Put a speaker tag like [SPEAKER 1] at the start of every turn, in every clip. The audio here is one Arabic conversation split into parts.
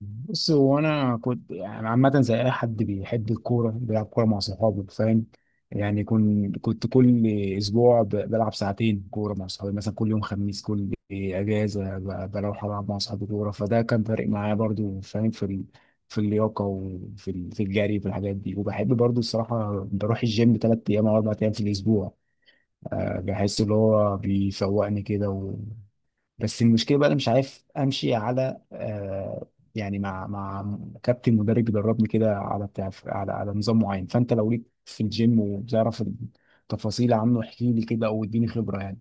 [SPEAKER 1] بص هو انا كنت يعني عامه زي اي حد بيحب الكوره بيلعب كوره مع صحابه فاهم يعني كنت كل اسبوع بلعب ساعتين كوره مع صحابي مثلا كل يوم خميس كل اجازه بروح العب مع صحابي كوره فده كان فارق معايا برضو فاهم في اللياقه في الجري في الحاجات دي وبحب برضو الصراحه بروح الجيم ثلاث ايام او اربع ايام في الاسبوع، بحس اللي هو بيفوقني كده. بس المشكله بقى انا مش عارف امشي على مع كابتن مدرب بيدربني كده على بتاع على على نظام معين. فانت لو ليك في الجيم وبتعرف التفاصيل عنه احكي لي كده او اديني خبره يعني.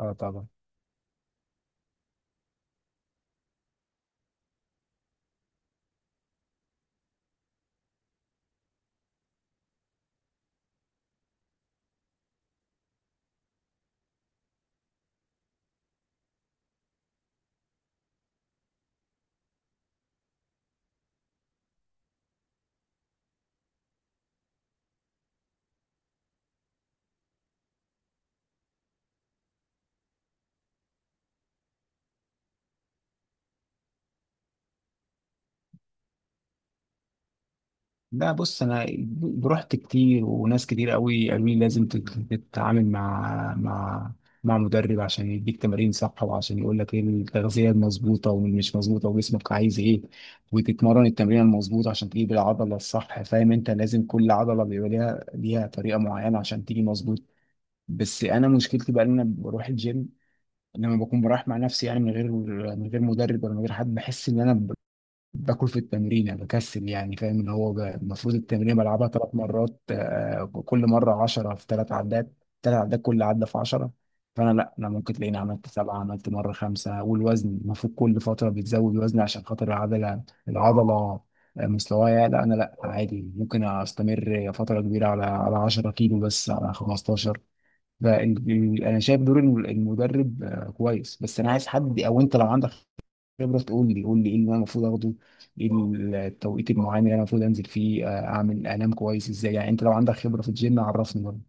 [SPEAKER 1] اه طبعا. لا بص انا رحت كتير وناس كتير قوي قالوا لي لازم تتعامل مع مع مدرب عشان يديك تمارين صح وعشان يقول لك ايه التغذيه المظبوطه واللي مش مظبوطه وجسمك عايز ايه، وتتمرن التمرين المظبوط عشان تجيب العضله الصح. فاهم؟ انت لازم كل عضله بيبقى ليها طريقه معينه عشان تيجي مظبوط. بس انا مشكلتي بقى ان انا بروح الجيم لما بكون برايح مع نفسي يعني من غير من غير مدرب ولا من غير حد بحس ان انا باكل في التمرين يعني بكسل يعني. فاهم؟ اللي هو المفروض التمرين بلعبها ثلاث مرات، كل مره 10 في ثلاث عدات، ثلاث عدات كل عده في 10. فانا لا، انا ممكن تلاقيني عملت سبعه، عملت مره خمسه. والوزن المفروض كل فتره بتزود وزن عشان خاطر العضله، العضله مستواها. لا انا لا، عادي ممكن استمر فتره كبيره على على 10 كيلو بس، على 15. فانا شايف دور المدرب آه كويس، بس انا عايز حد. او انت لو عندك خبرة تقول لي، قول لي ايه اللي انا المفروض اخده، ايه التوقيت المعين اللي انا المفروض انزل فيه، اعمل انام كويس ازاي. يعني انت لو عندك خبرة في الجيم عرفني برضه.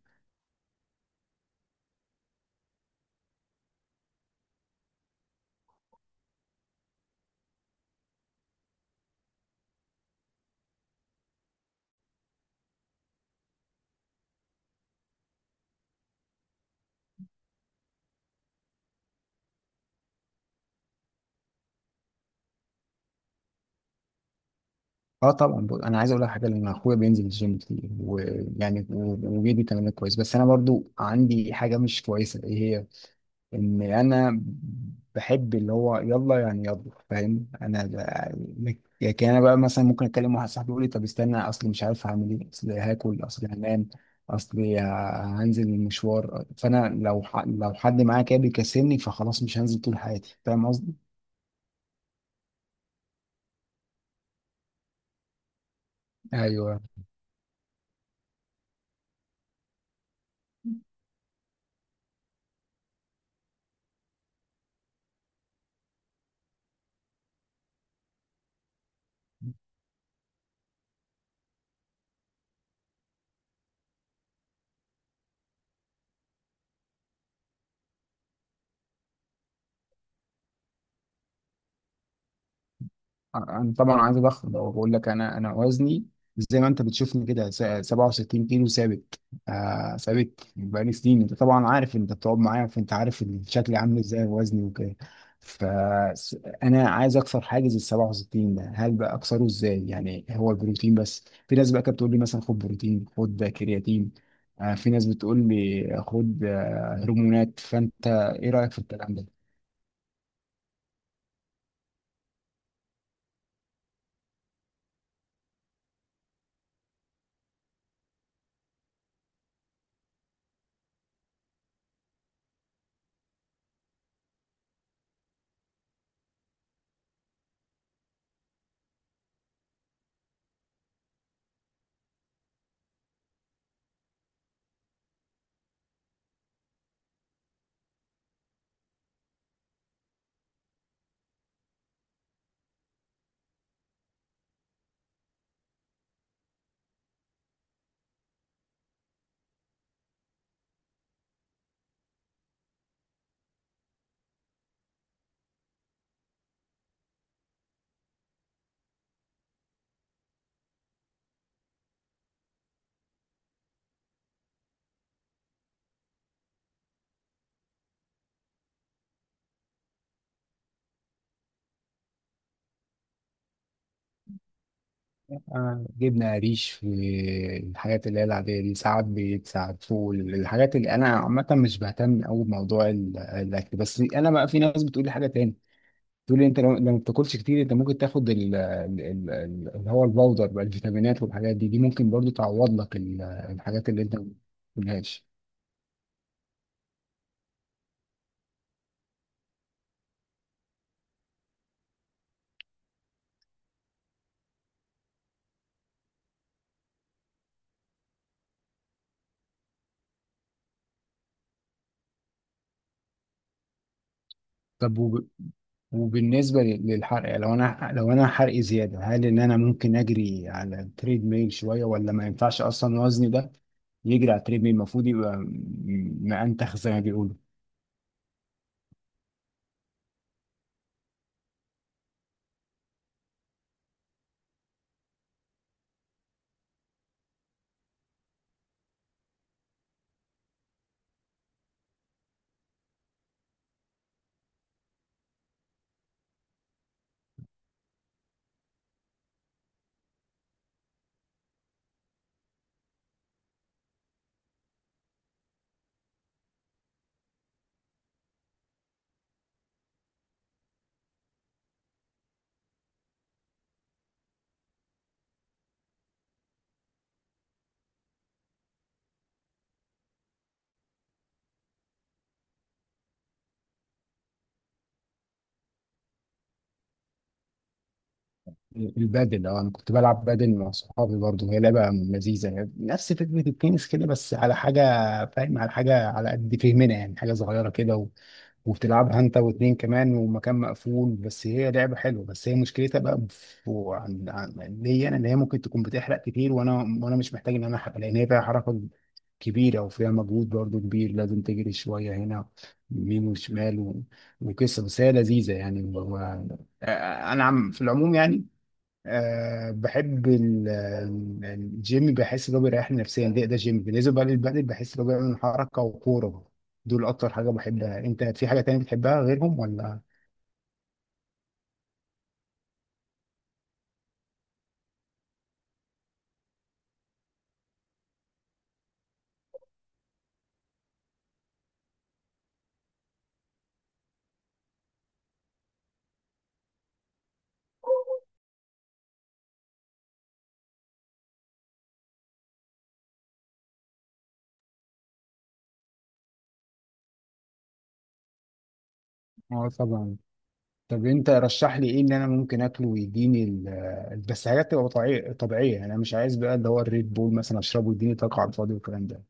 [SPEAKER 1] اه طبعا. انا عايز اقول لك حاجه، لان اخويا بينزل الجيم كتير ويعني وبيدي تمارين كويس، بس انا برضو عندي حاجه مش كويسه. ايه هي؟ ان انا بحب اللي هو يلا يعني يلا، فاهم انا. لكن انا بقى مثلا ممكن اكلم واحد صاحبي يقول لي طب استنى، اصل مش عارف هعمل ايه، اصل هاكل، اصل هنام، اصل ه- هنزل المشوار. فانا لو لو حد معايا كده بيكسلني فخلاص مش هنزل طول حياتي. فاهم قصدي؟ ايوه. انا طبعا عايز اضخم. لو بقول لك انا، وزني زي ما انت بتشوفني كده، 67 كيلو ثابت، آه ثابت بقالي سنين. انت طبعا عارف، انت بتقعد معايا فانت عارف شكلي عامل ازاي وزني وكده. فانا عايز اكسر حاجز ال 67 ده. هل بقى اكسره ازاي؟ يعني هو البروتين بس؟ في ناس بقى كانت بتقول لي مثلا خد بروتين، خد كرياتين، في ناس بتقول لي خد هرمونات. فانت ايه رايك في الكلام ده؟ آه، جبنة قريش، في الحاجات اللي هي العادية دي، ساعات بيت، ساعات فول. الحاجات اللي أنا عامة مش بهتم أوي بموضوع الأكل. بس أنا بقى في ناس بتقول لي حاجة تاني، تقول لي أنت لو لو ما بتاكلش كتير أنت ممكن تاخد اللي هو الباودر بقى، الفيتامينات والحاجات دي، دي ممكن برضو تعوض لك الحاجات اللي أنت ما بتاكلهاش. طب وبالنسبة للحرق، يعني لو انا، لو انا حرقي زيادة، هل ان انا ممكن اجري على التريد ميل شوية ولا ما ينفعش؟ اصلا وزني ده يجري على التريد ميل المفروض يبقى مأنتخ زي ما بيقولوا. البادل، اه انا كنت بلعب بادل مع صحابي برضه. هي لعبة لذيذة يعني، نفس فكرة التنس كده بس على حاجة، فاهم، على حاجة على قد فهمنا يعني، حاجة صغيرة كده. وبتلعبها انت واتنين كمان ومكان مقفول. بس هي لعبة حلوة. بس هي مشكلتها بقى في عن عن ليا انا، ان هي ممكن تكون بتحرق كتير، وانا وانا مش محتاج ان انا احرق، لان هي فيها حركة كبيرة وفيها مجهود برضو كبير، لازم تجري شوية هنا يمين وشمال وقصة. بس هي لذيذة يعني انا عم في العموم يعني. أه بحب الجيم، بحس ان هو بيريحني نفسيا. ده جيم. بالنسبه بقى للبدل بحس ان هو بيعمل حركه وكوره. دول اكتر حاجه بحبها. انت في حاجه تانية بتحبها غيرهم ولا؟ اه طبعا. طب انت رشح لي ايه اللي انا ممكن اكله ويديني بس حاجات تبقى طبيعيه، طبيعيه يعني. انا مش عايز بقى اللي هو الريد بول مثلا اشربه ويديني طاقه على الفاضي والكلام ده.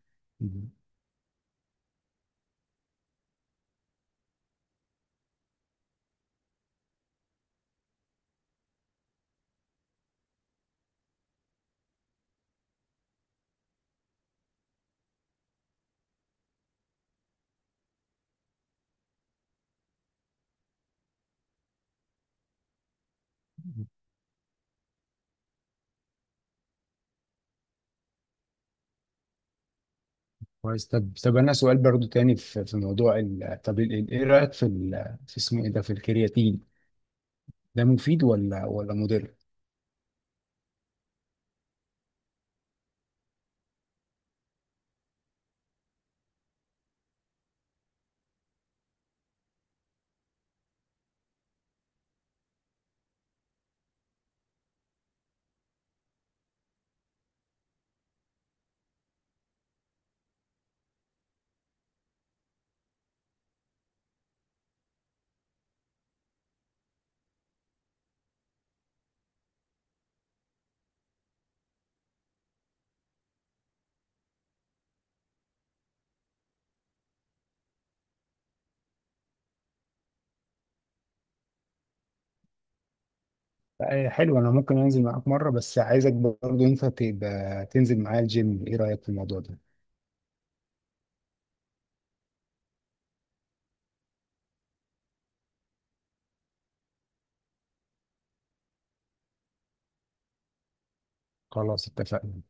[SPEAKER 1] كويس. طب انا سؤال برضو تاني في في موضوع ال... طب ال- ال- ايه رايك في في اسمه ايه ده، في الكرياتين ده، مفيد ولا ولا مضر؟ آه، حلو. انا ممكن انزل معاك مره، بس عايزك برضه انت تبقى تنزل معايا الجيم. ايه رايك في الموضوع ده؟ خلاص اتفقنا.